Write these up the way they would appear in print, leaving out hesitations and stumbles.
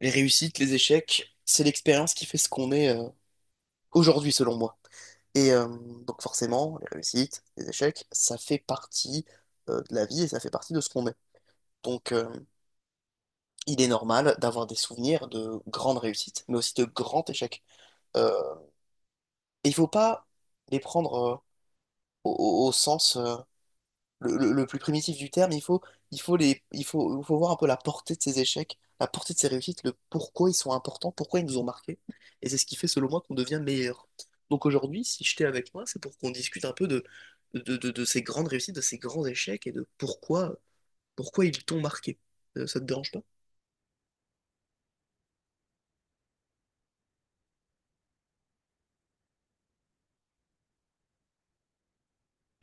Les réussites, les échecs, c'est l'expérience qui fait ce qu'on est aujourd'hui, selon moi. Et euh, donc forcément, les réussites, les échecs, ça fait partie de la vie et ça fait partie de ce qu'on est. Donc il est normal d'avoir des souvenirs de grandes réussites, mais aussi de grands échecs. Euh, et il faut pas les prendre au sens le plus primitif du terme, il faut les, il faut voir un peu la portée de ces échecs, la portée de ces réussites, le pourquoi ils sont importants, pourquoi ils nous ont marqués. Et c'est ce qui fait, selon moi, qu'on devient meilleur. Donc aujourd'hui, si je t'ai avec moi, c'est pour qu'on discute un peu de ces grandes réussites, de ces grands échecs et de pourquoi ils t'ont marqué. Ça te dérange pas?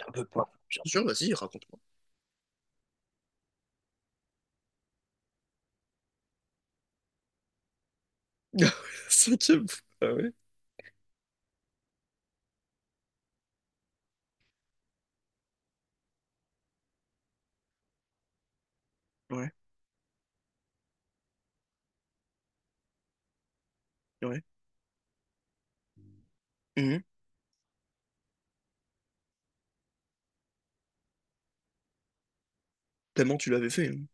Un peu pas. Bien sûr, vas-y, raconte-moi. Cinquième fois. Ah ouais? Ouais, ouais. Mhm. Tellement tu l'avais fait, hein.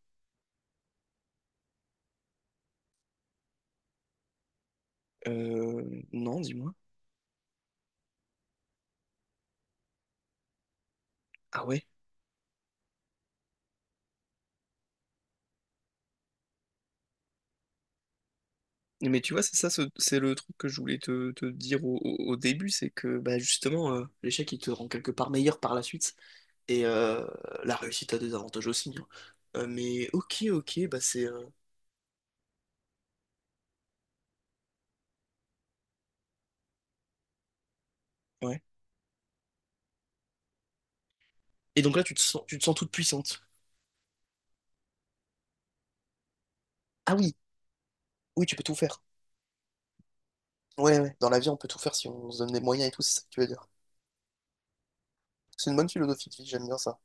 Non, dis-moi. Ah ouais? Mais tu vois, c'est ça, c'est le truc que je voulais te dire au début, c'est que bah, justement, l'échec, il te rend quelque part meilleur par la suite. Et euh, la réussite a des avantages aussi, hein. Mais ok, ok, bah c'est. Ouais. Et donc là, tu te sens toute puissante. Ah oui, oui, tu peux tout faire. Ouais, ouais. Dans la vie, on peut tout faire si on se donne des moyens et tout, c'est ça que tu veux dire. C'est une bonne philosophie de vie, j'aime bien ça.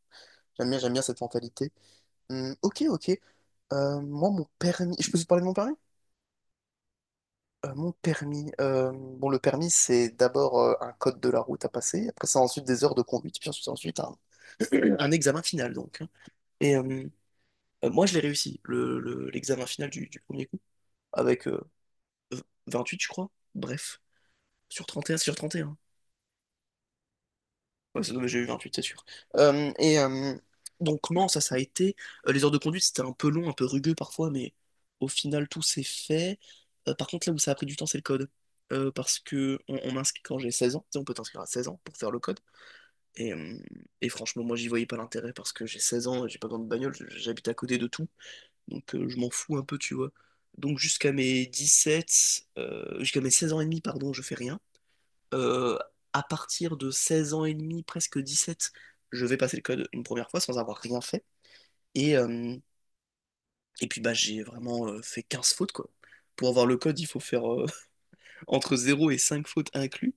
J'aime bien cette mentalité. Ok, ok. Moi, mon permis. Je peux te parler de mon permis? Mon permis. Bon, le permis, c'est d'abord un code de la route à passer. Après, c'est ensuite des heures de conduite. Puis ensuite, c'est ensuite un examen final, donc, hein. Et euh, Moi, je l'ai réussi, l'examen final du premier coup, avec v- 28, je crois. Bref, sur 31 sur 31. Ouais, j'ai eu 28, c'est sûr. Euh, et euh, donc, non, ça a été. Les heures de conduite, c'était un peu long, un peu rugueux parfois, mais au final, tout s'est fait. Par contre, là où ça a pris du temps, c'est le code. Parce que on m'inscrit quand j'ai 16 ans. Tu sais, on peut t'inscrire à 16 ans pour faire le code. Et, euh, et franchement, moi, j'y voyais pas l'intérêt parce que j'ai 16 ans, j'ai pas besoin de bagnole, j'habite à côté de tout. Donc, je m'en fous un peu, tu vois. Donc, jusqu'à mes 17, jusqu'à mes 16 ans et demi, pardon, je fais rien euh, à partir de 16 ans et demi, presque 17, je vais passer le code une première fois sans avoir rien fait. Et, euh, et puis bah j'ai vraiment fait 15 fautes quoi. Pour avoir le code, il faut faire entre zéro et 5 fautes inclus.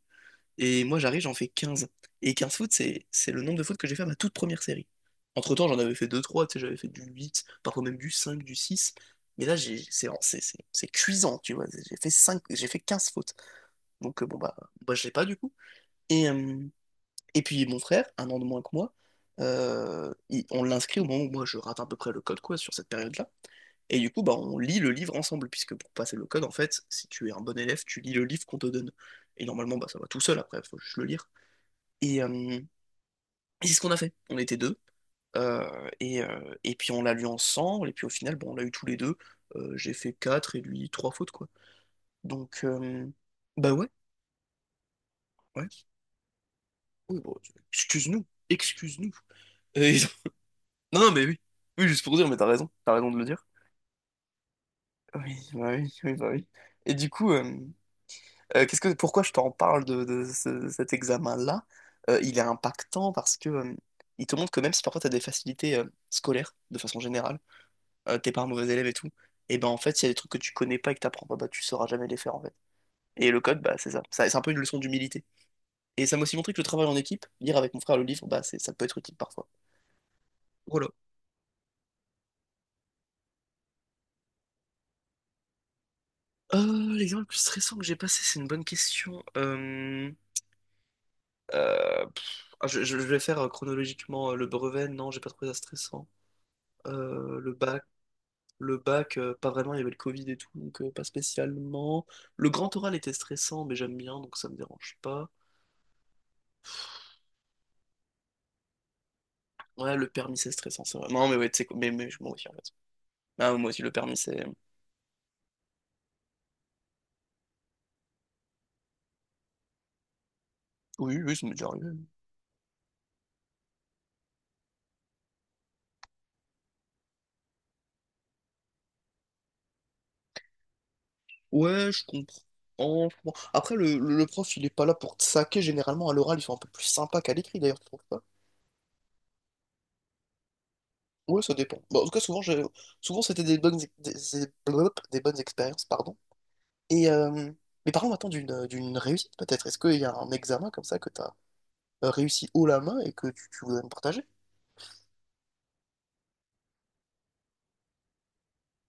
Et moi j'arrive, j'en fais 15. Et 15 fautes, c'est le nombre de fautes que j'ai fait à ma toute première série. Entre-temps, j'en avais fait deux trois, tu sais, j'avais fait du 8, parfois même du 5, du 6. Mais là, j'ai, c'est cuisant, tu vois. J'ai fait 5, j'ai fait 15 fautes. Donc bon bah je l'ai pas du coup. Et, euh, Et puis mon frère, 1 an de moins que moi, on l'inscrit au moment où moi je rate à peu près le code quoi sur cette période-là. Et du coup, bah, on lit le livre ensemble, puisque pour passer le code, en fait, si tu es un bon élève, tu lis le livre qu'on te donne. Et normalement, bah, ça va tout seul après, faut juste le lire. Et, euh, et c'est ce qu'on a fait. On était deux. Et puis on l'a lu ensemble, et puis au final, bon, on l'a eu tous les deux. J'ai fait quatre et lui trois fautes, quoi. Donc, bah ouais, ouais. Oui, bon, excuse-nous, excuse-nous. Euh, Non, non, mais oui. Oui, juste pour dire, mais t'as raison. T'as raison de le dire. Oui, bah oui, oui, bah oui. Et du coup, pourquoi je t'en parle cet examen-là? Il est impactant parce que il te montre que même si parfois t'as des facilités scolaires, de façon générale, t'es pas un mauvais élève et tout, et ben en fait, s'il y a des trucs que tu connais pas et que t'apprends pas, bah tu sauras jamais les faire en fait. Et le code, bah c'est ça. C'est un peu une leçon d'humilité. Et ça m'a aussi montré que le travail en équipe, lire avec mon frère le livre, ça peut être utile parfois. Voilà. L'examen le plus stressant que j'ai passé, c'est une bonne question. Ah, vais faire chronologiquement le brevet. Non, j'ai pas trouvé ça stressant. Euh, le bac, le bac, pas vraiment. Il y avait le Covid et tout, donc pas spécialement. Le grand oral était stressant, mais j'aime bien, donc ça me dérange pas. Ouais, le permis c'est stressant, c'est vrai. Non, mais ouais, tu sais quoi, m'en aussi en fait. Ah, moi aussi le permis c'est. Oui, oui, ça m'est déjà arrivé. Ouais, je comprends. Je comprends. Après, le prof, il est pas là pour te saquer. Généralement, à l'oral, ils sont un peu plus sympas qu'à l'écrit, d'ailleurs, tu trouves pas? Ouais, ça dépend. Bah, en tout cas, souvent c'était des bonnes, des bonnes expériences, pardon. Et, euh... Mais parlons maintenant d'une réussite, peut-être. Est-ce qu'il y a un examen comme ça que tu as réussi haut la main et que tu voudrais me partager?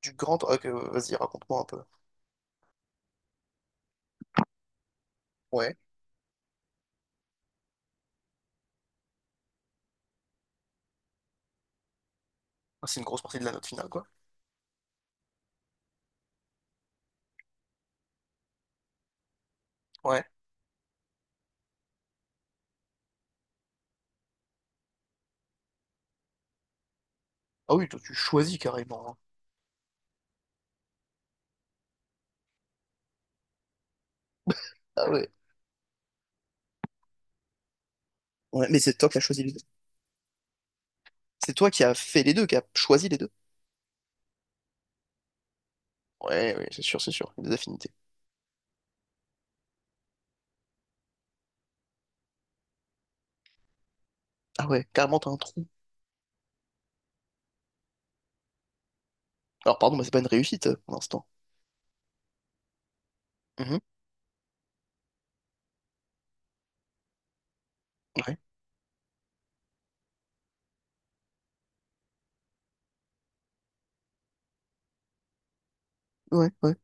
Du grand. Ok, vas-y, raconte-moi un peu. Ouais. Ah, c'est une grosse partie de la note finale, quoi. Ouais. Ah oui, toi, tu choisis carrément, hein. Ah ouais. Ouais, mais c'est toi qui as choisi les deux. C'est toi qui as fait les deux, qui as choisi les deux. Ouais, ouais, c'est sûr, c'est sûr. Des affinités. Ah ouais, carrément, t'as un trou. Alors, pardon, mais c'est pas une réussite pour l'instant. Mhm. Ouais. Ouais, ouais.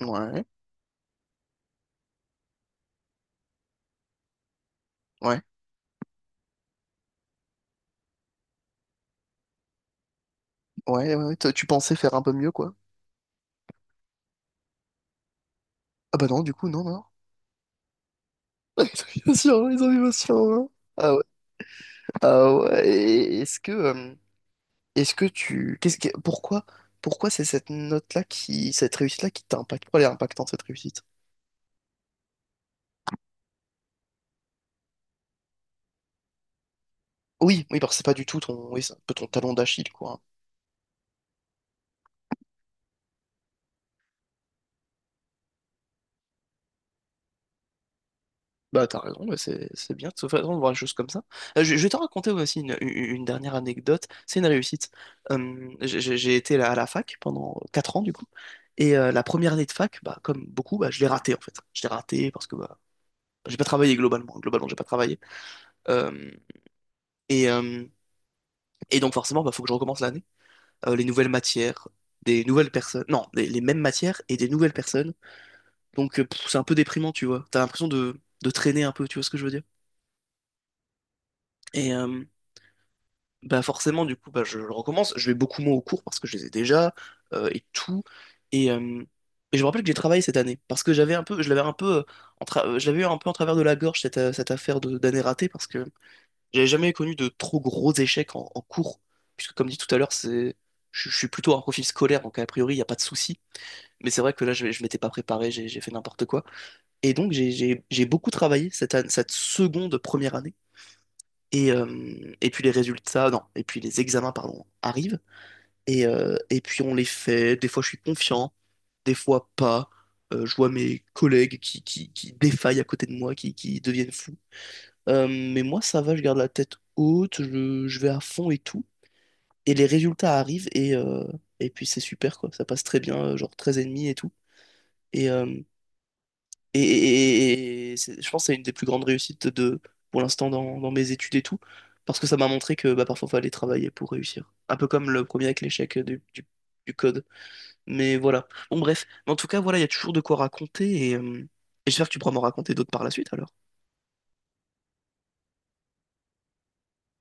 Ouais. Ouais, ouais, ouais, ouais. Toi, tu pensais faire un peu mieux, quoi. Ah bah non, du coup, non, non. Bien sûr, les animations, hein. Ah ouais. Ah ouais. Est-ce que, pourquoi, pourquoi c'est cette cette réussite-là qui t'impacte? Pourquoi elle est impactante, cette réussite? Oui, oui, parce que c'est pas du tout ton, oui, c'est un peu ton talon d'Achille, quoi. Bah, t'as raison, ouais, c'est bien de toute façon de voir les choses comme ça. Je vais te raconter aussi une dernière anecdote, c'est une réussite. J'ai été à la fac pendant 4 ans du coup, et la première année de fac, bah, comme beaucoup, bah, je l'ai ratée en fait. Je l'ai ratée parce que bah, j'ai pas travaillé globalement, globalement j'ai pas travaillé. Euh, et, euh, et donc forcément, bah, faut que je recommence l'année. Les nouvelles matières, des nouvelles personnes, non, les mêmes matières et des nouvelles personnes. Donc c'est un peu déprimant, tu vois. T'as l'impression de traîner un peu, tu vois ce que je veux dire? Et, euh, Bah forcément, du coup, bah, je recommence. Je vais beaucoup moins aux cours parce que je les ai déjà et tout. Et, euh, et je me rappelle que j'ai travaillé cette année parce que j'avais un peu, je l'avais un peu, je l'avais eu un peu en travers de la gorge cette affaire d'année ratée parce que j'avais jamais connu de trop gros échecs en cours puisque comme dit tout à l'heure, je suis plutôt un profil scolaire donc a priori il n'y a pas de souci. Mais c'est vrai que là, je m'étais pas préparé, j'ai fait n'importe quoi. Et donc j'ai beaucoup travaillé cette seconde première année. Et puis les résultats, non, et puis les examens, pardon, arrivent. Et puis on les fait. Des fois, je suis confiant, des fois pas. Je vois mes collègues qui défaillent à côté de moi, qui deviennent fous. Mais moi, ça va, je garde la tête haute, je vais à fond et tout. Et les résultats arrivent et puis c'est super, quoi. Ça passe très bien, genre 13 et demi et tout. Et, euh, je pense que c'est une des plus grandes réussites pour l'instant dans mes études et tout, parce que ça m'a montré que bah, parfois il fallait travailler pour réussir. Un peu comme le premier avec l'échec du code. Mais voilà. Bon, bref. Mais en tout cas, voilà, il y a toujours de quoi raconter et j'espère que tu pourras m'en raconter d'autres par la suite alors.